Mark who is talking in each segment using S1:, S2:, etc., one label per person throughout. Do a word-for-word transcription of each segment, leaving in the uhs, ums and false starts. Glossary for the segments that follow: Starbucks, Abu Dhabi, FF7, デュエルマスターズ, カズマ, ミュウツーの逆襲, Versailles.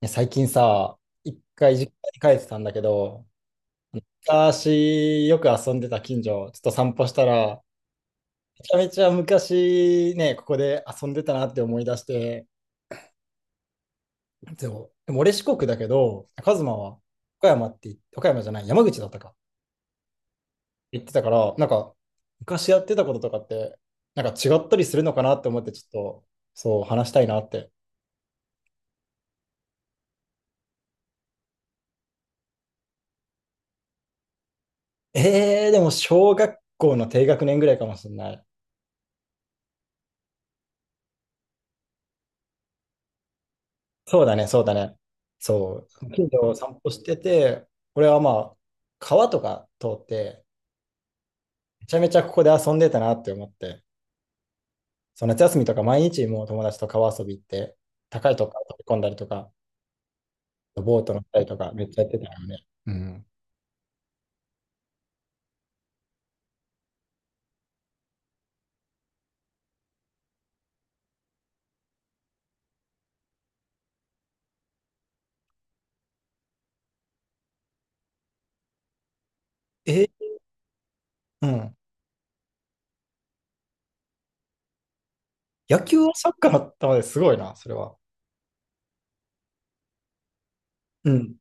S1: や最近さ、一回実家に帰ってたんだけど、昔よく遊んでた近所、ちょっと散歩したら、めちゃめちゃ昔ね、ここで遊んでたなって思い出して、でも、でも俺四国だけど、カズマは岡山って言っ、岡山じゃない、山口だったか、言ってたから、なんか昔やってたこととかって、なんか違ったりするのかなって思って、ちょっとそう話したいなって。えー、でも小学校の低学年ぐらいかもしれない。そうだね、そうだね。そう。近所を散歩してて、俺はまあ、川とか通って、めちゃめちゃここで遊んでたなって思って、そう夏休みとか毎日もう友達と川遊び行って、高いとこから飛び込んだりとか、ボート乗ったりとか、めっちゃやってたよね。うん。え、うん。野球はサッカーだったのですごいな、それは。うん。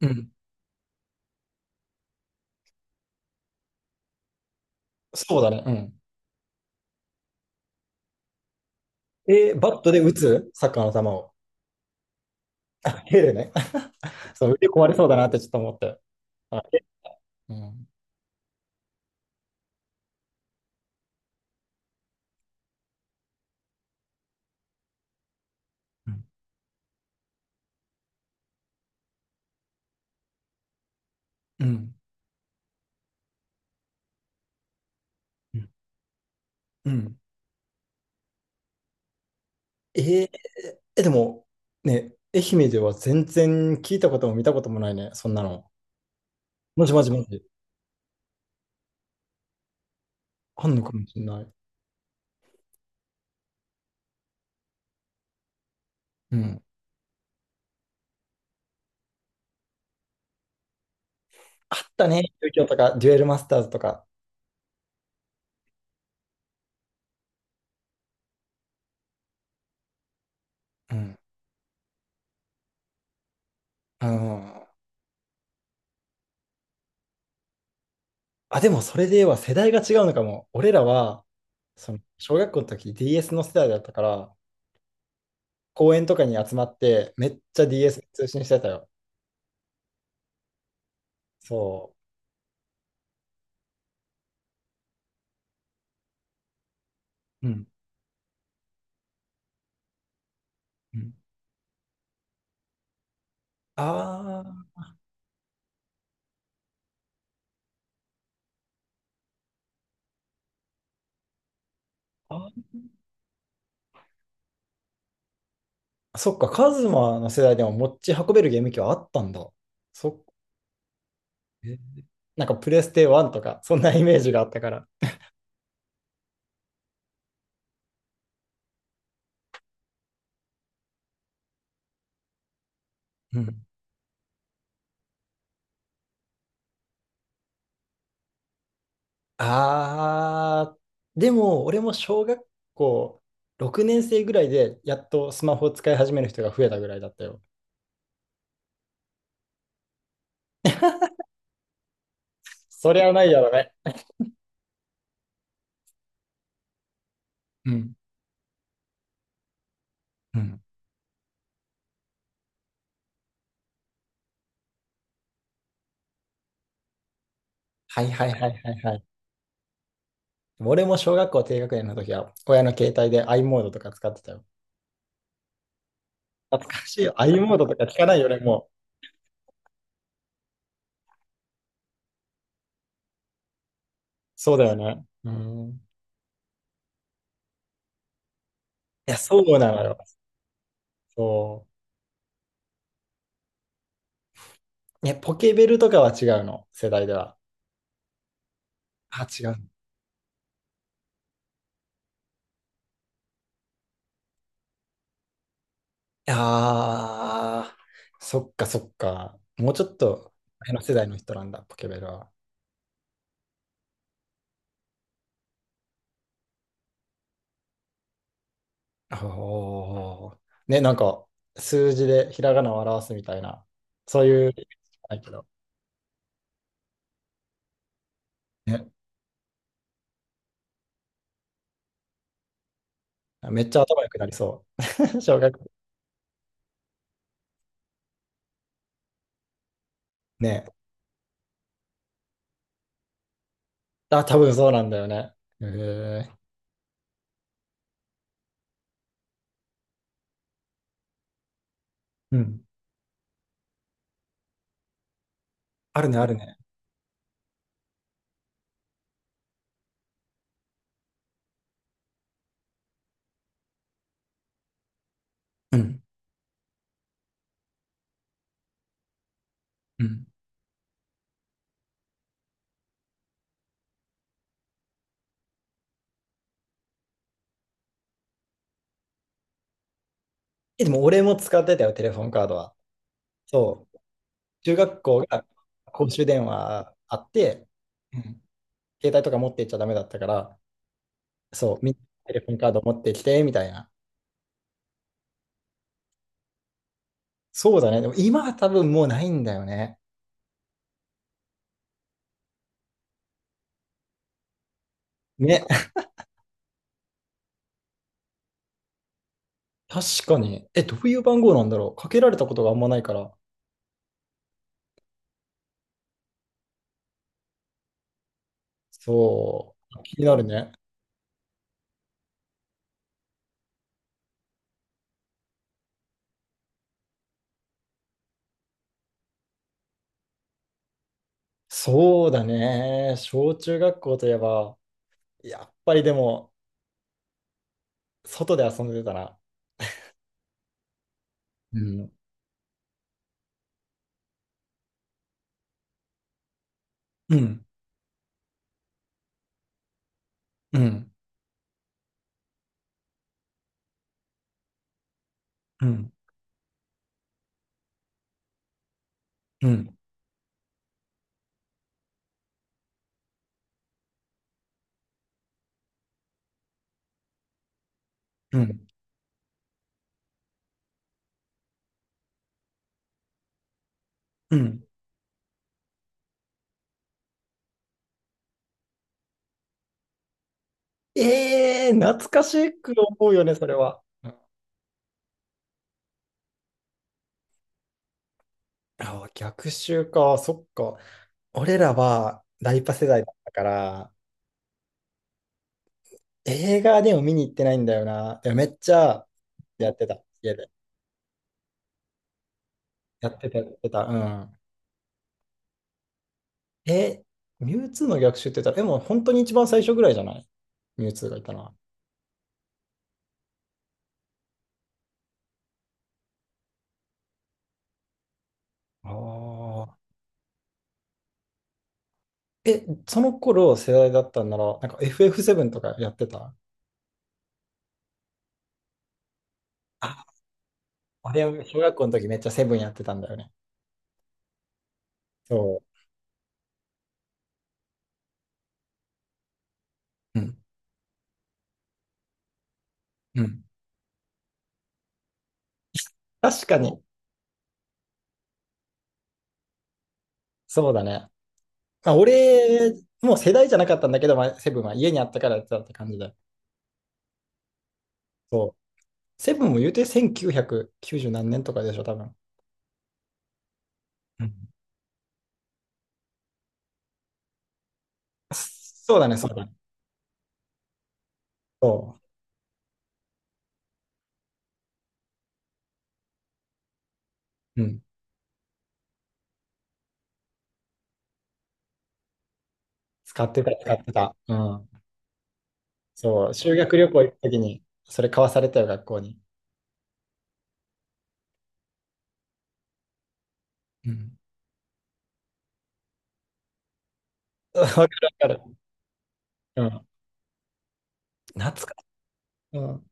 S1: うん。そうだね。うん。え、バットで打つサッカーの球を。あ、蹴るね。そう、腕壊れそうだなってちょっと思って。あ、うん。うん。うんうんうんえーえ、でも、ね、愛媛では全然聞いたことも見たこともないね、そんなの。マジマジマジ。あんのかもしれない。うん。あったね、東京とか、デュエルマスターズとか。うん。あのあ、でもそれでは世代が違うのかも。俺らは、その、小学校の時 ディーエス の世代だったから、公園とかに集まって、めっちゃ ディーエス 通信してたよ。そう。うん。うんあーあそっか、カズマの世代でも持ち運べるゲーム機はあったんだ。そっえ、なんかプレステワンとか、そんなイメージがあったから。うん。あー、でも俺も小学校ろくねん生ぐらいでやっとスマホを使い始める人が増えたぐらいだったよ。そりゃないやろね。うん。うん。はいはいはいはいはい。俺も小学校低学年の時は親の携帯で i モードとか使ってたよ。懐かしいよ。i モードとか聞かないよね、もう。そうだよね。うん。いや、そうなのよ。そう。え、ポケベルとかは違うの、世代では。あ、違う。ああそっかそっか。もうちょっと前の世代の人なんだ、ポケベルは。おー。ね、なんか数字でひらがなを表すみたいな、そういう、ないけど、ね、めっちゃ頭良くなりそう。小学校。ね。あ、多分そうなんだよね。へえ。うん。あるね、あるね。うん。うん。え、でも俺も使ってたよ、テレフォンカードは。そう。中学校が公衆電話あって、うん、携帯とか持っていっちゃダメだったから、そう、みんなテレフォンカード持ってきて、みたいな。そうだね。でも今は多分もうないんだよね。ね。確かに。え、どういう番号なんだろう。かけられたことがあんまないから。そう。気になるね。そうだね。小中学校といえば、やっぱりでも、外で遊んでたら、うん、うん、うん、うん、うん、うん、うん。ええー懐かしく思うよね、それは。あ、逆襲か、そっか。俺らはライパ世代だったから、映画でも見に行ってないんだよな。でもめっちゃやってた、家で。やってた、やってた。うん。え、ミュウツーの逆襲って言ったら、でも本当に一番最初ぐらいじゃないミュウツーがいたのは。ああ。え、その頃世代だったんなら、なんか エフエフセブン とかやってたあ、俺は小学校の時めっちゃセブンやってたんだよね。そう。うん。うん確かに、そうだね。まあ、俺、もう世代じゃなかったんだけど、まあ、セブンは家にあったからやってたって感じだよ。そう。セブンも言うてせんきゅうひゃくきゅうじゅう何年とかでしょ、多分。うん。そうだね、そうだね。そう。うん。使ってた、使ってた。うん。そう。修学旅行行くときに、それ買わされたよ、学校に。うん。わかるわかる。うん。懐かしい。うん。うん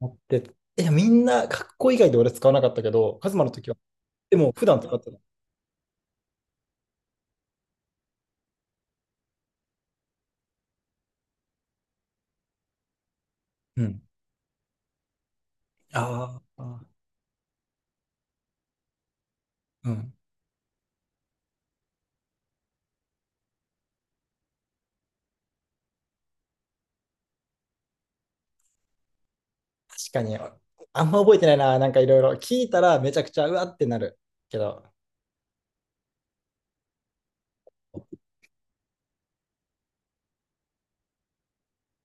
S1: 持ってたいや、みんな、学校以外で俺使わなかったけど、カズマの時は。でも、普段使ってた。うん。ああ。うん。確かに、あんま覚えてないな。なんかいろいろ聞いたらめちゃくちゃうわってなるけど、